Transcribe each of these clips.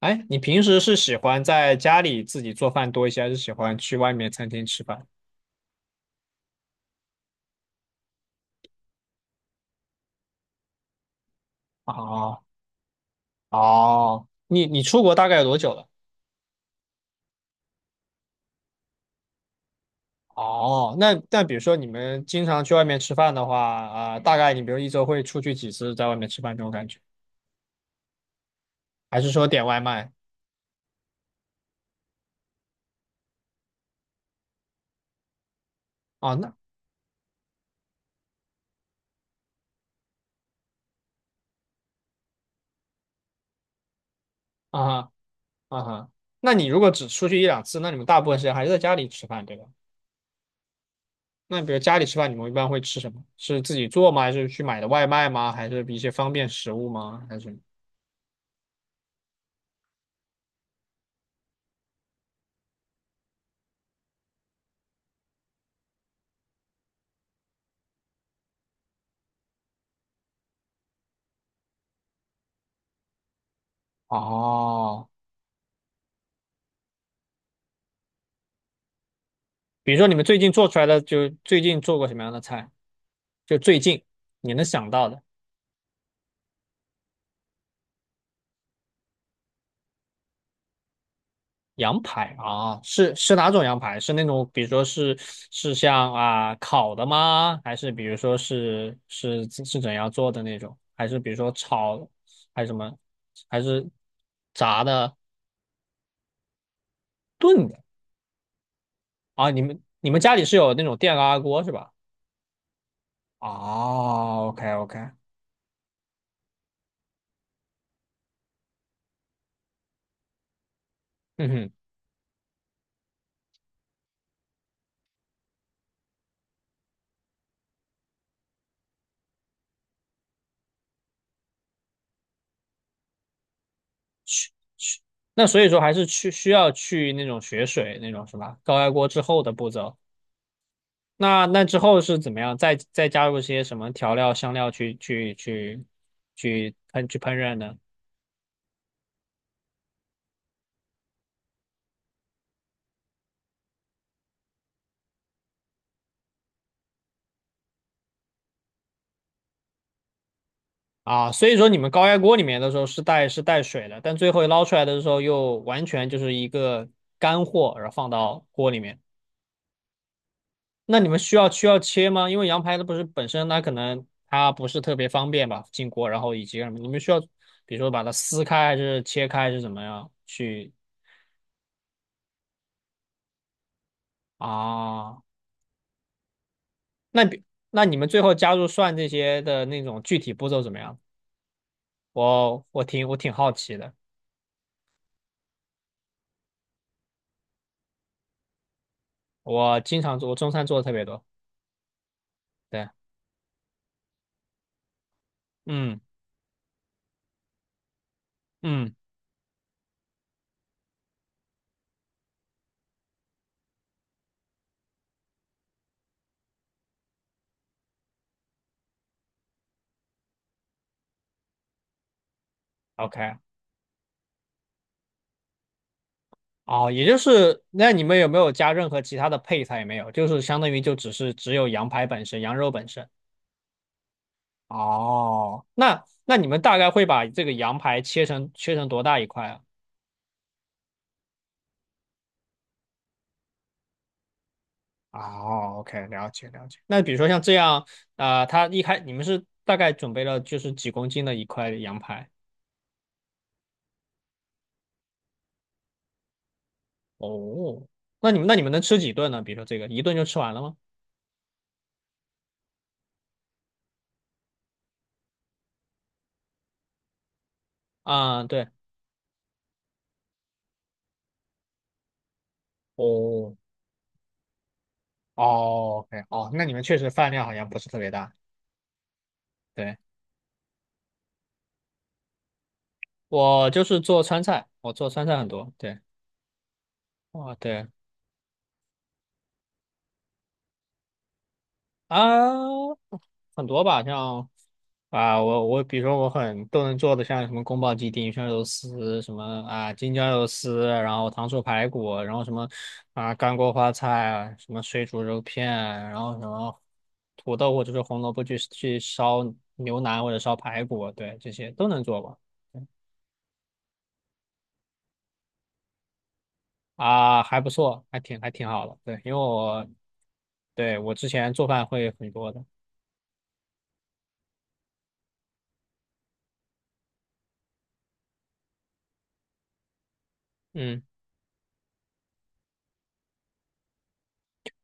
哎，你平时是喜欢在家里自己做饭多一些，还是喜欢去外面餐厅吃饭？哦哦，你出国大概有多久了？哦，那比如说你们经常去外面吃饭的话，大概你比如一周会出去几次在外面吃饭这种感觉，还是说点外卖？哦，那啊哈啊哈，那你如果只出去一两次，那你们大部分时间还是在家里吃饭，对吧？那比如家里吃饭，你们一般会吃什么？是自己做吗？还是去买的外卖吗？还是一些方便食物吗？还是什么？哦，比如说你们最近做出来的，就最近做过什么样的菜？就最近你能想到的羊排啊，是哪种羊排？是那种比如说是像啊烤的吗？还是比如说是怎样做的那种？还是比如说炒还是什么？还是炸的炖的啊？你们家里是有那种电高压锅是吧？哦，OK OK，嗯哼。那所以说还是需要去那种血水那种是吧？高压锅之后的步骤，那之后是怎么样？再加入一些什么调料、香料去烹饪呢？啊，所以说你们高压锅里面的时候是带水的，但最后捞出来的时候又完全就是一个干货，然后放到锅里面。那你们需要切吗？因为羊排它不是本身它可能它不是特别方便吧，进锅，然后以及什么，你们需要比如说把它撕开还是切开还是怎么样去啊，那比那你们最后加入蒜这些的那种具体步骤怎么样？我挺好奇的，我经常做，我中餐做的特别多。对，嗯嗯，OK，哦，也就是那你们有没有加任何其他的配菜？也没有，就是相当于就只是只有羊排本身，羊肉本身。哦，那你们大概会把这个羊排切成多大一块啊？哦，OK，了解了解。那比如说像这样，他一开你们是大概准备了就是几公斤的一块羊排。哦，那你们能吃几顿呢？比如说这个一顿就吃完了吗？对，哦哦，OK，哦，那你们确实饭量好像不是特别大。对，我就是做川菜，我做川菜很多，对，哦对啊，很多吧，像啊，我比如说我很都能做的，像什么宫保鸡丁、鱼香肉丝，什么啊京酱肉丝，然后糖醋排骨，然后什么啊干锅花菜，什么水煮肉片，然后什么土豆或者是红萝卜去烧牛腩或者烧排骨，对，这些都能做吧。啊，还不错，还挺好的，对，因为我对我之前做饭会很多的，嗯。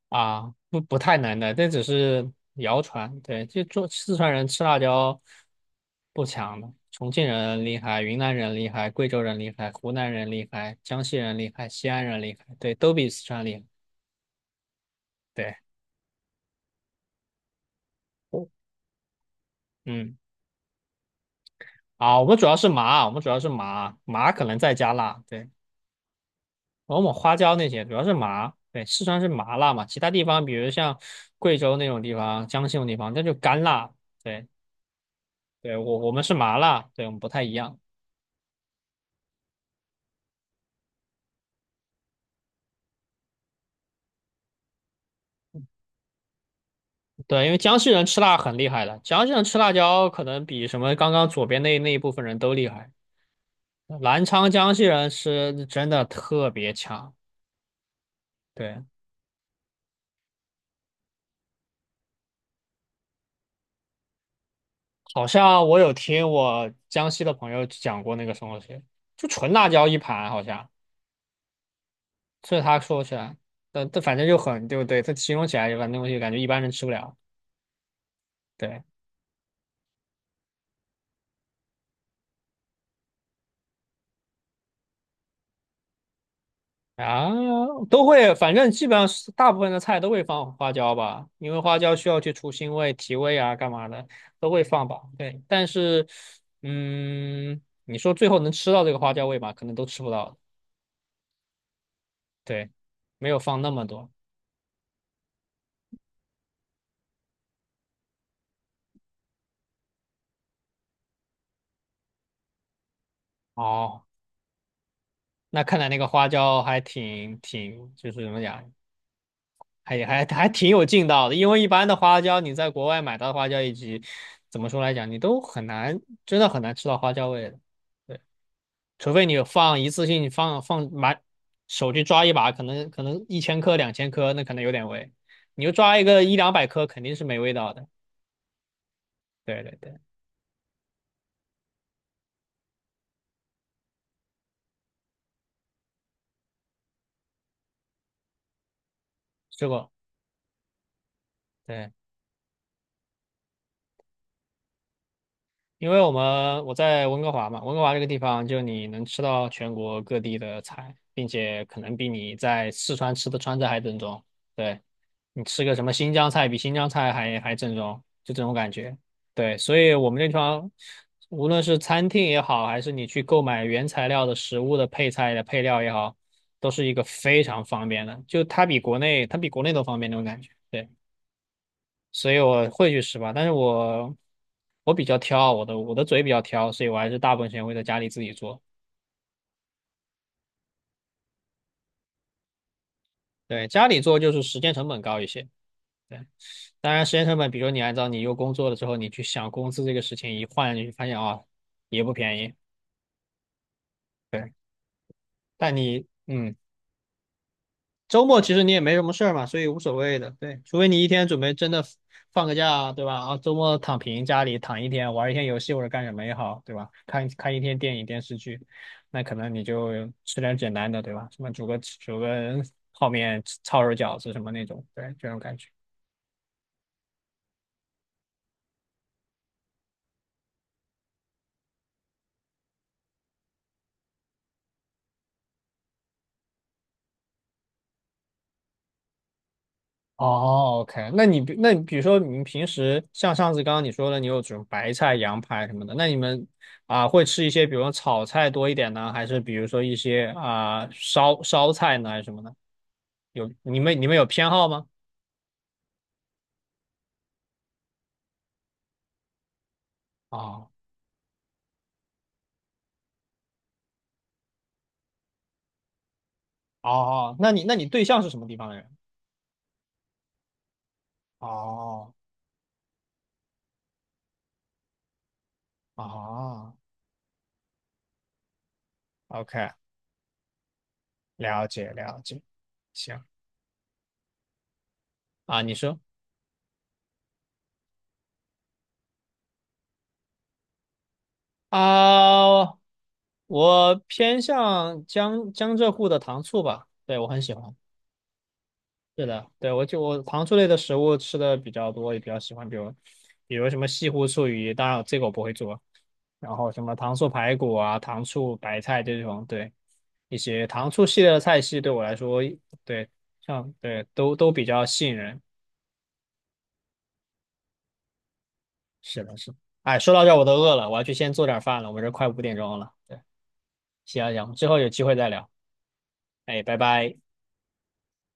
啊，不太难的，这只是谣传。对，就做四川人吃辣椒不强的，重庆人厉害，云南人厉害，贵州人厉害，湖南人厉害，江西人厉害，西安人厉害，对，都比四川厉害。对，嗯，啊，我们主要是麻啊，我们主要是麻，麻可能再加辣，对，我们花椒那些主要是麻，对，四川是麻辣嘛，其他地方比如像贵州那种地方、江西那种地方，那就干辣，对，对，我们是麻辣，对，我们不太一样。对，因为江西人吃辣很厉害的，江西人吃辣椒可能比什么刚刚左边那一部分人都厉害。南昌江西人是真的特别强，对，好像我有听我江西的朋友讲过那个什么东西，就纯辣椒一盘，好像这是他说起来，但反正就很，对不对？他形容起来就反正东西感觉一般人吃不了。对。啊，都会，反正基本上是大部分的菜都会放花椒吧，因为花椒需要去除腥味、提味啊，干嘛的都会放吧。对，但是，嗯，你说最后能吃到这个花椒味吧，可能都吃不到。对，没有放那么多。哦，那看来那个花椒还挺，就是怎么讲，还挺有劲道的。因为一般的花椒，你在国外买到的花椒以及怎么说来讲，你都很难，真的很难吃到花椒味的。对。除非你放一次性放买手去抓一把，可能1000颗2000颗，那可能有点味。你就抓一个一两百颗，肯定是没味道的。对对对，吃过。对，因为我在温哥华嘛，温哥华这个地方就你能吃到全国各地的菜，并且可能比你在四川吃的川菜还正宗。对。你吃个什么新疆菜，比新疆菜还正宗，就这种感觉。对，所以我们这地方，无论是餐厅也好，还是你去购买原材料的食物的配菜的配料也好，都是一个非常方便的，就它比国内都方便那种感觉。对，所以我会去吃吧，但是我比较挑，我的嘴比较挑，所以我还是大部分时间会在家里自己做。对，家里做就是时间成本高一些。对。当然，时间成本，比如你按照你又工作了之后，你去想工资这个事情，一换你就发现啊，也不便宜。对，但你周末其实你也没什么事儿嘛，所以无所谓的。对，除非你一天准备真的放个假啊，对吧？啊，周末躺平家里躺一天，玩一天游戏或者干什么也好，对吧？看看一天电影电视剧，那可能你就吃点简单的，对吧？什么煮个泡面、抄手饺子什么那种，对，这种感觉。哦，OK，那你比如说你们平时像上次刚刚你说了，你有这种白菜、羊排什么的，那你们会吃一些，比如说炒菜多一点呢，还是比如说一些烧菜呢，还是什么呢？有你们你们有偏好吗？哦哦，那你对象是什么地方的人？哦哦，OK，了解了解，行啊，你说啊、我偏向江浙沪的糖醋吧，对我很喜欢。是的，对，我糖醋类的食物吃的比较多，也比较喜欢，比如什么西湖醋鱼，当然这个我不会做，然后什么糖醋排骨啊、糖醋白菜这种，对，一些糖醋系列的菜系对我来说，对，像对都都比较吸引人。是的，是的。哎，说到这儿我都饿了，我要去先做点饭了，我这快5点钟了。对，行啊行，之后有机会再聊。哎，拜拜。